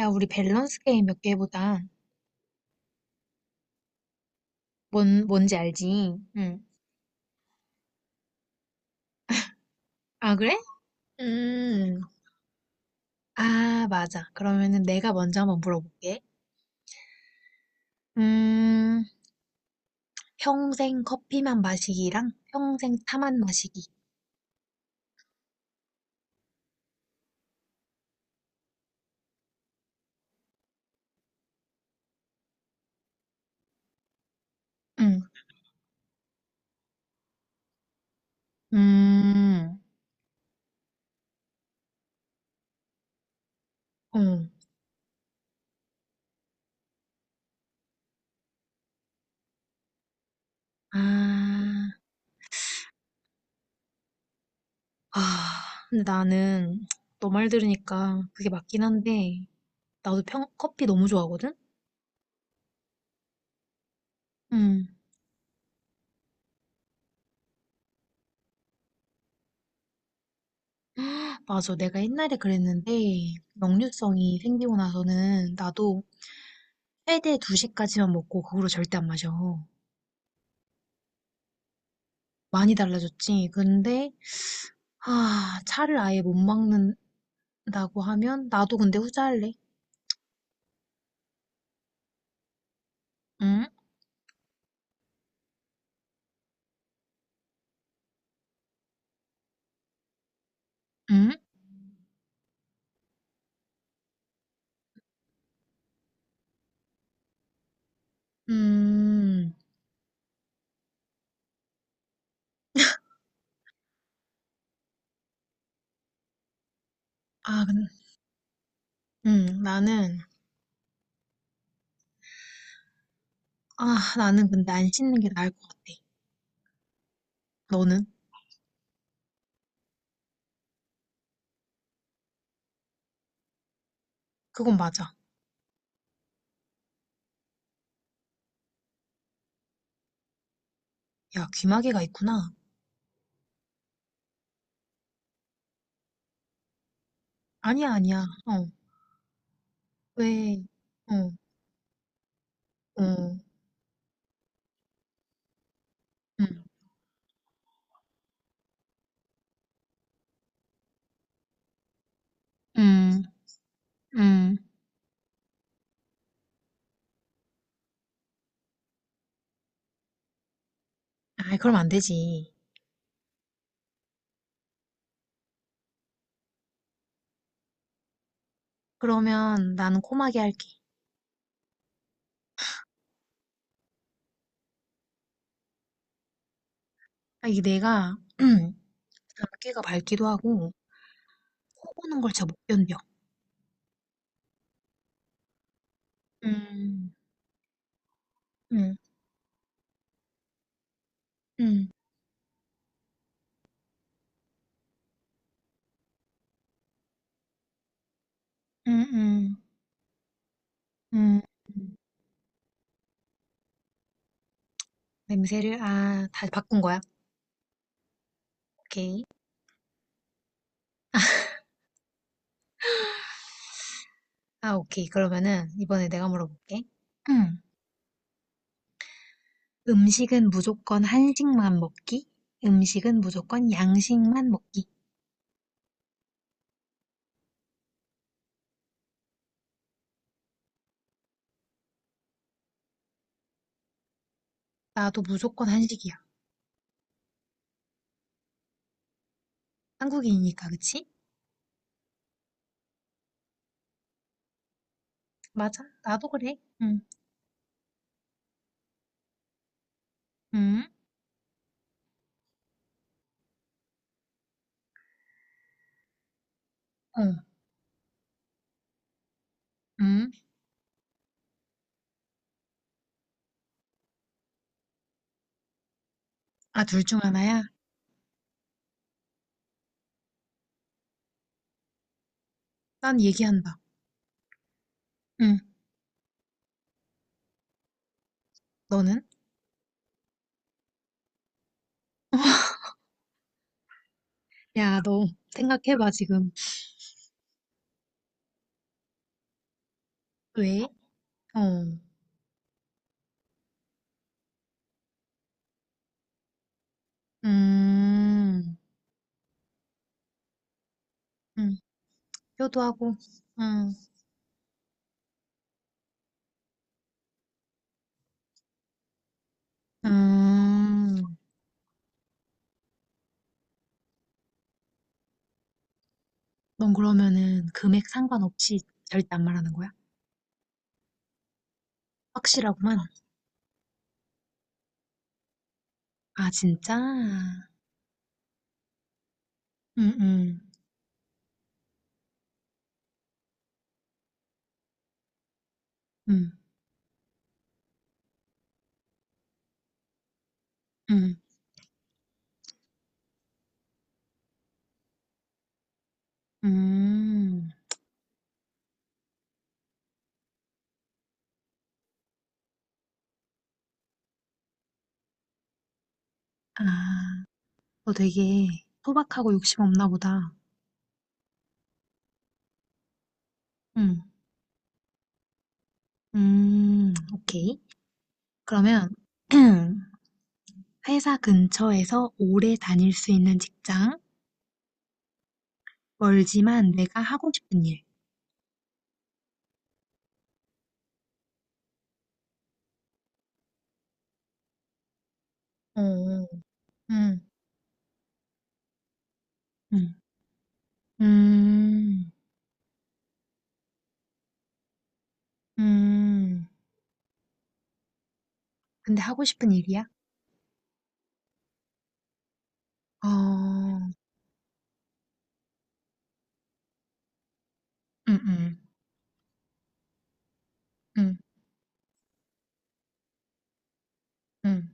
야, 우리 밸런스 게임 몇 개 해보자. 뭔지 알지? 응. 아, 그래? 음. 아, 맞아. 그러면은 내가 먼저 한번 물어볼게. 음, 평생 커피만 마시기랑 평생 차만 마시기. 응. 음, 응. 아, 아, 근데 나는 너 말 들으니까 그게 맞긴 한데, 나도 평, 커피 너무 좋아하거든? 응. 맞아. 내가 옛날에 그랬는데, 역류성이 생기고 나서는 나도 최대 2시까지만 먹고 그 후로 절대 안 마셔. 많이 달라졌지. 근데 아, 차를 아예 못 먹는다고 하면 나도 근데 후자할래. 응? 응? 음. 아, 근 나는 아, 나는 근데 안 씻는 게 나을 것 같아. 너는? 그건 맞아. 야, 귀마개가 있구나. 아니야, 아니야. 어. 왜? 어. 어. 음. 음. 음. 아, 그럼 안 되지. 그러면 나는 코마개 할게. 아, 이게 내가 작게가 밝기도 하고 코 고는 걸 잘 못 견뎌. 음, 음, 음, 음, 음, 음. 냄새를, 아, 다 바꾼 거야? 오케이. 아, 오케이. 그러면은, 이번에 내가 물어볼게. 음. 음식은 무조건 한식만 먹기? 음식은 무조건 양식만 먹기? 나도 무조건 한식이야. 한국인이니까, 그치? 맞아. 나도 그래. 응, 응, 어, 응. 아, 둘 중 하나야? 난 얘기한다. 응, 너는? 야, 너 생각해봐, 지금. 왜? 어. 음. 음. 효도하고. 음. 음. 넌 그러면은 금액 상관없이 절대 안 말하는 거야? 확실하구만. 아, 진짜? 음, 음. 음. 음. 음. 아, 너 되게 소박하고 욕심 없나 보다. 음. 음. 오케이. 그러면 회사 근처에서 오래 다닐 수 있는 직장, 멀지만 내가 하고 싶은 일. 어, 응. 음. 음. 음. 근데 하고 싶은 일이야? 어. 음음. 음. 음. 음.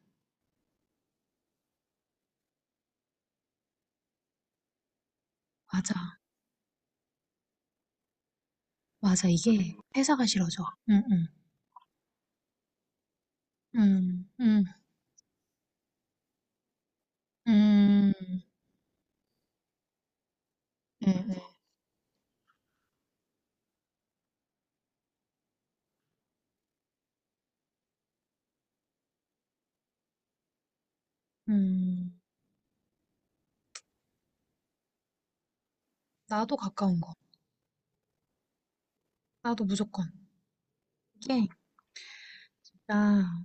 맞아. 맞아. 이게 회사가 싫어져. 음 음. 음. 음. 음. 음. 음. 음. 음. 나도 가까운 거. 나도 무조건. 이게 나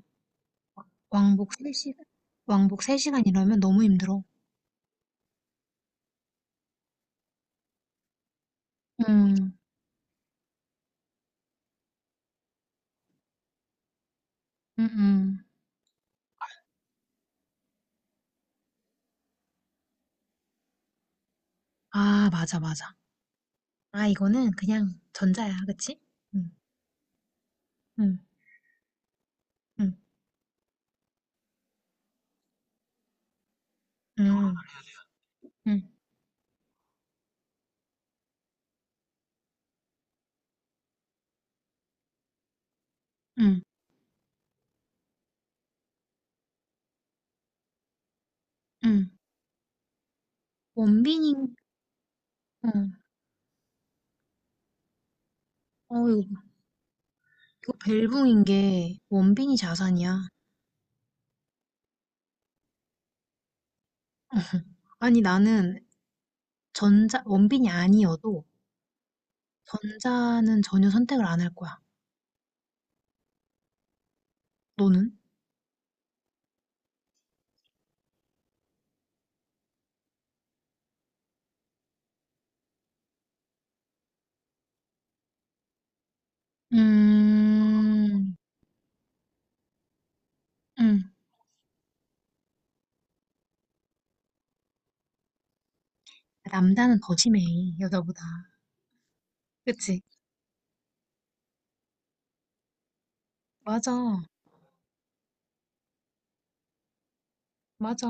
왕복 3시간 왕복 3시간 이러면 너무 힘들어. 음. 음음. 아, 맞아 맞아. 아, 이거는 그냥 전자야. 그치? 응응응응응응 응. 원빈인, 어, 어, 이거, 이거 벨붕인 게 원빈이 자산이야. 아니, 나는 전자, 원빈이 아니어도 전자는 전혀 선택을 안 할 거야. 너는? 음, 응. 남자는 더 심해, 여자보다. 그치? 맞아, 맞아.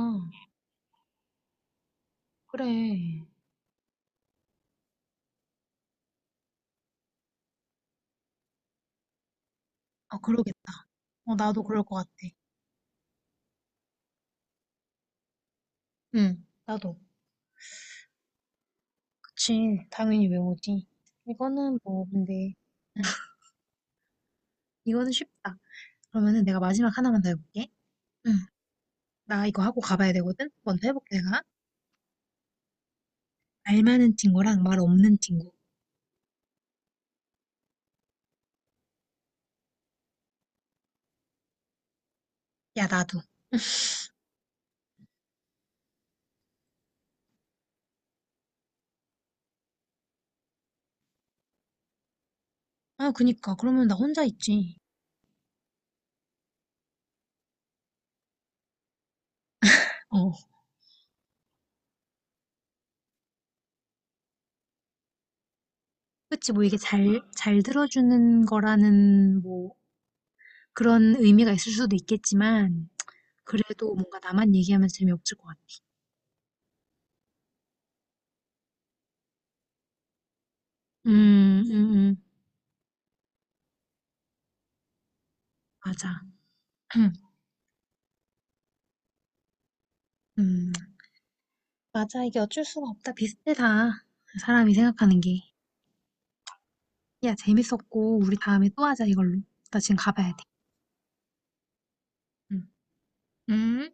그래. 아, 그러겠다. 어, 나도 그럴 것 같아. 응, 나도. 그치, 당연히 외모지. 이거는 뭐, 근데, 이거는 쉽다. 그러면은 내가 마지막 하나만 더 해볼게. 응, 나 이거 하고 가봐야 되거든? 먼저 해볼게, 내가. 말 많은 친구랑 말 없는 친구. 야, 나도. 아, 그니까. 그러면 나 혼자 있지. 어, 그치. 뭐 이게 잘 들어주는 거라는, 뭐, 그런 의미가 있을 수도 있겠지만, 그래도 뭔가 나만 얘기하면 재미없을 것 같아. 음, 음, 음. 맞아. 음, 맞아. 이게 어쩔 수가 없다. 비슷해, 다. 사람이 생각하는 게. 야, 재밌었고, 우리 다음에 또 하자, 이걸로. 나 지금 가봐야 돼. 응. 음.